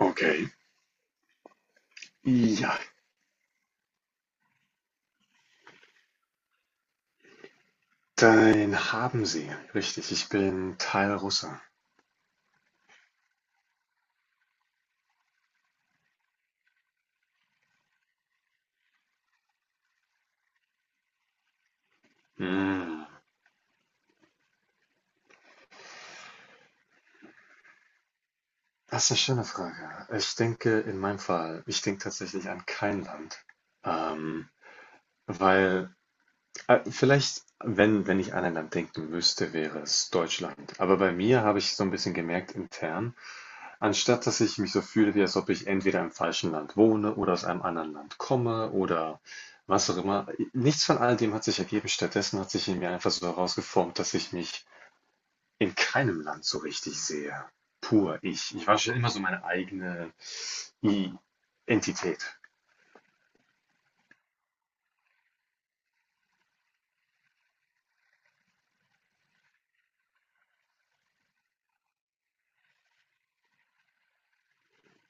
Okay. Ja, dann haben sie. Richtig, ich bin Teilrusse. Hm. Das ist eine schöne Frage. Ich denke in meinem Fall, ich denke tatsächlich an kein Land. Ähm, weil, vielleicht, wenn ich an ein Land denken müsste, wäre es Deutschland. Aber bei mir habe ich so ein bisschen gemerkt intern, anstatt dass ich mich so fühle, wie als ob ich entweder im falschen Land wohne oder aus einem anderen Land komme oder was auch immer. Nichts von all dem hat sich ergeben. Stattdessen hat sich in mir einfach so herausgeformt, dass ich mich in keinem Land so richtig sehe. Pur ich. Ich war schon immer so meine eigene I Entität.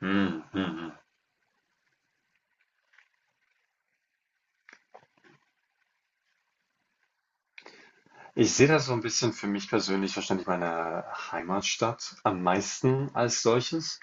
Hm, hm, hm. Ich sehe das so ein bisschen für mich persönlich wahrscheinlich meine Heimatstadt am meisten als solches,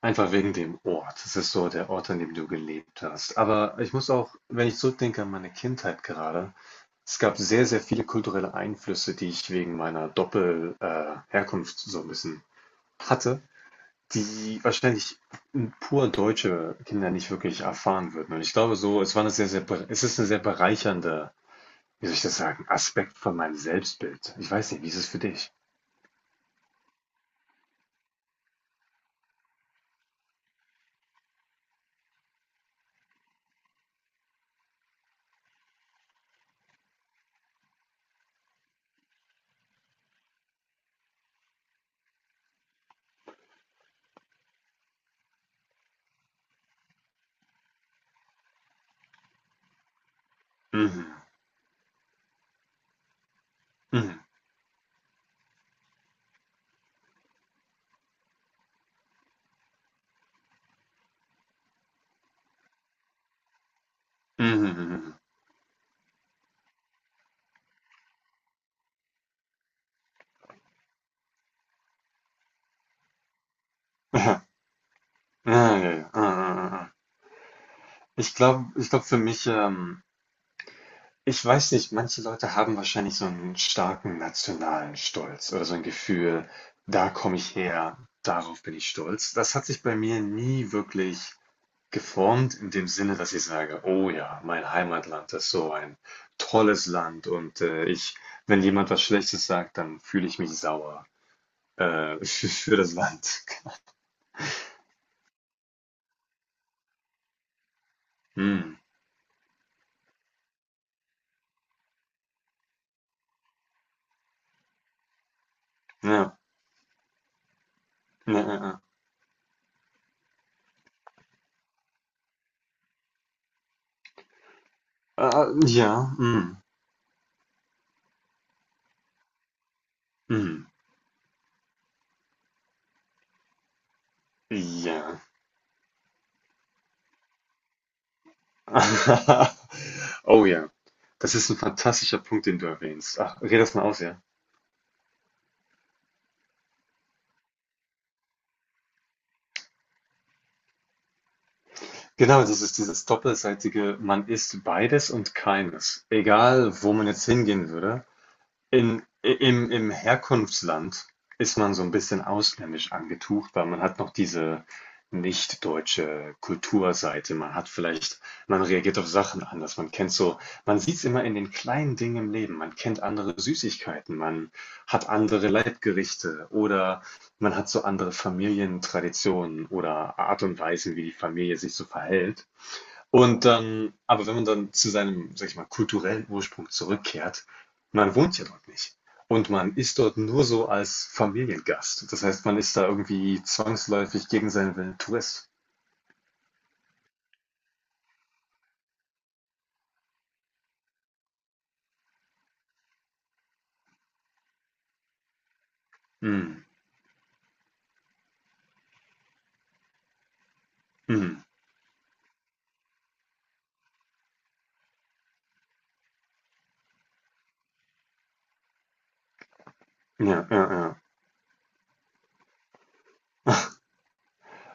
einfach wegen dem Ort. Es ist so der Ort, an dem du gelebt hast. Aber ich muss, auch wenn ich zurückdenke an meine Kindheit gerade, es gab sehr, sehr viele kulturelle Einflüsse, die ich wegen meiner Doppelherkunft Herkunft so ein bisschen hatte, die wahrscheinlich pur deutsche Kinder nicht wirklich erfahren würden. Und ich glaube so, es ist eine sehr bereichernde, wie soll ich das sagen, Aspekt von meinem Selbstbild. Ich weiß nicht, wie ist es für dich? Ich glaube für mich, ich weiß nicht, manche Leute haben wahrscheinlich so einen starken nationalen Stolz oder so ein Gefühl, da komme ich her, darauf bin ich stolz. Das hat sich bei mir nie wirklich geformt in dem Sinne, dass ich sage, oh ja, mein Heimatland ist so ein tolles Land und wenn jemand was Schlechtes sagt, dann fühle ich mich sauer. Für das Land. Hm. Ja. Ja, ja, ja. Ja. Hm. Hm. Ja. Oh ja. Das ist ein fantastischer Punkt, den du erwähnst. Ach, red das mal aus, ja. Genau, das ist dieses doppelseitige, man ist beides und keines. Egal, wo man jetzt hingehen würde. Im im, Herkunftsland ist man so ein bisschen ausländisch angetucht, weil man hat noch diese nicht deutsche Kulturseite. Man hat vielleicht, man reagiert auf Sachen anders. Man kennt so, man sieht's immer in den kleinen Dingen im Leben. Man kennt andere Süßigkeiten, man hat andere Leibgerichte oder man hat so andere Familientraditionen oder Art und Weisen, wie die Familie sich so verhält. Und dann, aber wenn man dann zu seinem, sage ich mal, kulturellen Ursprung zurückkehrt, man wohnt ja dort nicht. Und man ist dort nur so als Familiengast. Das heißt, man ist da irgendwie zwangsläufig gegen seinen Willen Tourist. Mhm. Mhm. Ja, ja, ja.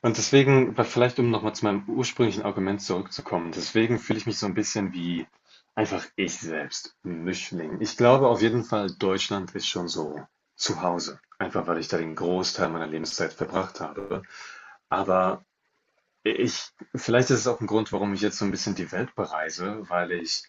Und deswegen, weil vielleicht, um nochmal zu meinem ursprünglichen Argument zurückzukommen, deswegen fühle ich mich so ein bisschen wie einfach ich selbst, 'n Mischling. Ich glaube auf jeden Fall, Deutschland ist schon so zu Hause, einfach weil ich da den Großteil meiner Lebenszeit verbracht habe. Aber ich vielleicht ist es auch ein Grund, warum ich jetzt so ein bisschen die Welt bereise, weil ich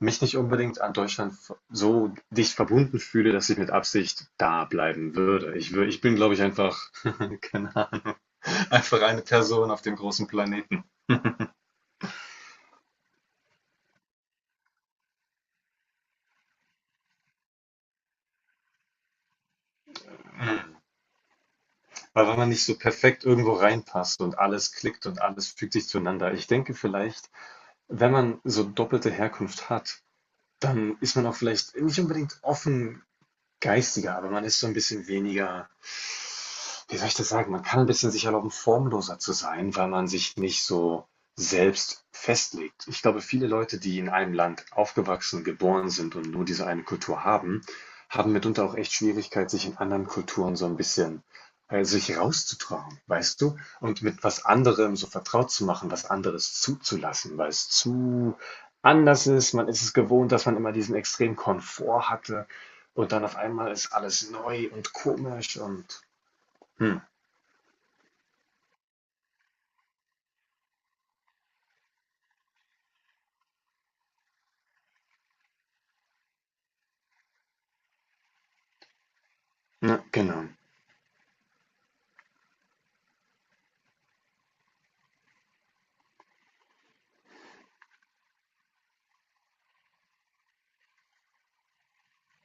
mich nicht unbedingt an Deutschland v so dicht verbunden fühle, dass ich mit Absicht da bleiben würde. Ich bin, glaube ich, einfach keine Ahnung, einfach eine Person auf dem großen Planeten. Weil wenn man nicht so perfekt irgendwo reinpasst und alles klickt und alles fügt sich zueinander. Ich denke vielleicht, wenn man so doppelte Herkunft hat, dann ist man auch vielleicht nicht unbedingt offen geistiger, aber man ist so ein bisschen weniger, wie soll ich das sagen, man kann ein bisschen sich erlauben, formloser zu sein, weil man sich nicht so selbst festlegt. Ich glaube, viele Leute, die in einem Land aufgewachsen, geboren sind und nur diese eine Kultur haben, haben mitunter auch echt Schwierigkeit, sich in anderen Kulturen so ein bisschen sich rauszutrauen, weißt du? Und mit was anderem so vertraut zu machen, was anderes zuzulassen, weil es zu anders ist. Man ist es gewohnt, dass man immer diesen extremen Komfort hatte. Und dann auf einmal ist alles neu und komisch und hm, ja, genau.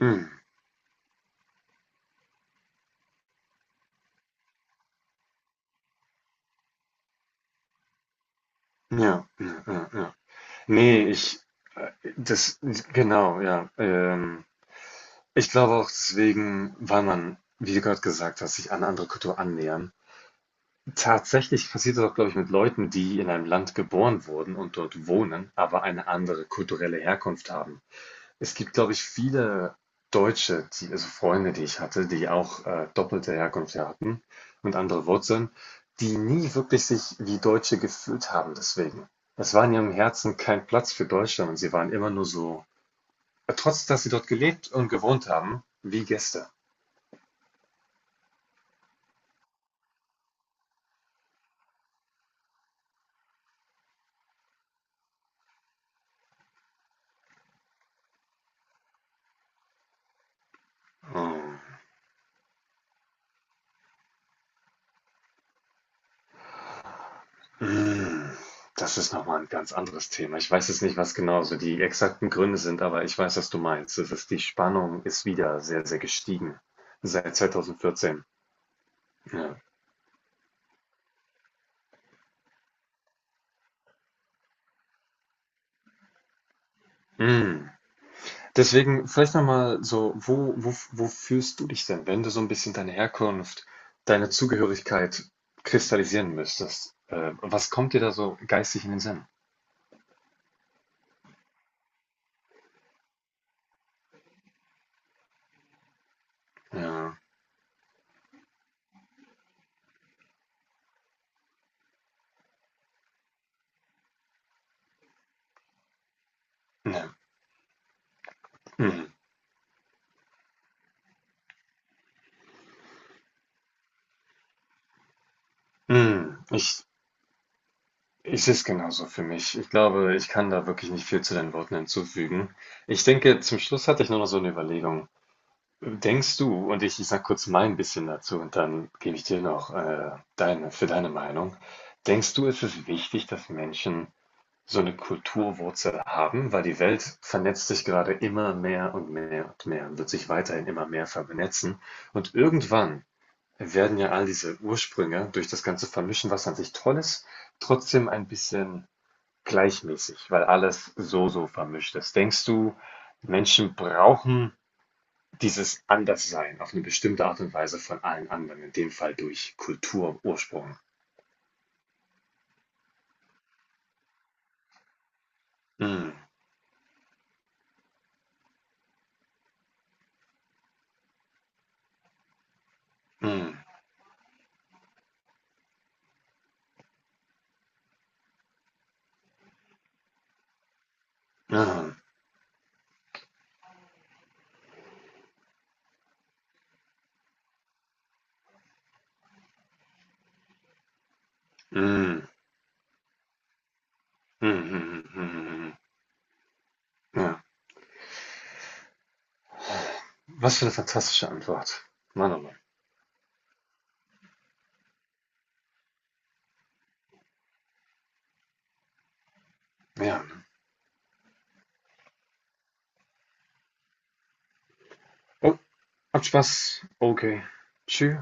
Hm, ja, ja, ja, ja. Nee, ich, äh, das, genau, ja. Ich glaube auch deswegen, weil man, wie du gerade gesagt hast, sich an eine andere Kultur annähern. Tatsächlich passiert das auch, glaube ich, mit Leuten, die in einem Land geboren wurden und dort wohnen, aber eine andere kulturelle Herkunft haben. Es gibt, glaube ich, viele Deutsche, die, also Freunde, die ich hatte, die auch, doppelte Herkunft ja hatten und andere Wurzeln, die nie wirklich sich wie Deutsche gefühlt haben deswegen. Es war in ihrem Herzen kein Platz für Deutschland und sie waren immer nur so trotz dass sie dort gelebt und gewohnt haben, wie Gäste. Oh. Mm. Das ist nochmal ein ganz anderes Thema. Ich weiß jetzt nicht, was genau so die exakten Gründe sind, aber ich weiß, was du meinst. Es ist die Spannung ist wieder sehr, sehr gestiegen seit 2014. Ja. Mhm. Deswegen vielleicht noch mal so, wo fühlst du dich denn, wenn du so ein bisschen deine Herkunft, deine Zugehörigkeit kristallisieren müsstest? Was kommt dir da so geistig in den Sinn? Ja, ja, mhm, mhm. Ich sehe es genauso für mich. Ich glaube, ich kann da wirklich nicht viel zu deinen Worten hinzufügen. Ich denke, zum Schluss hatte ich nur noch so eine Überlegung. Denkst du, und ich sage kurz mein bisschen dazu und dann gebe ich dir noch deine, für deine Meinung. Denkst du, ist es wichtig, dass Menschen so eine Kulturwurzel haben? Weil die Welt vernetzt sich gerade immer mehr und mehr und mehr und wird sich weiterhin immer mehr vernetzen. Und irgendwann werden ja all diese Ursprünge durch das ganze Vermischen, was an sich toll ist, trotzdem ein bisschen gleichmäßig, weil alles so, so vermischt ist. Denkst du, Menschen brauchen dieses Anderssein auf eine bestimmte Art und Weise von allen anderen, in dem Fall durch Kultur, Ursprung. Mm, mm, ah, mm, mm, mm, mm, mm. Ja. Was für eine fantastische Antwort. Mann, oh Mann. Ja. Oh, habt Spaß. Okay. Tschüss.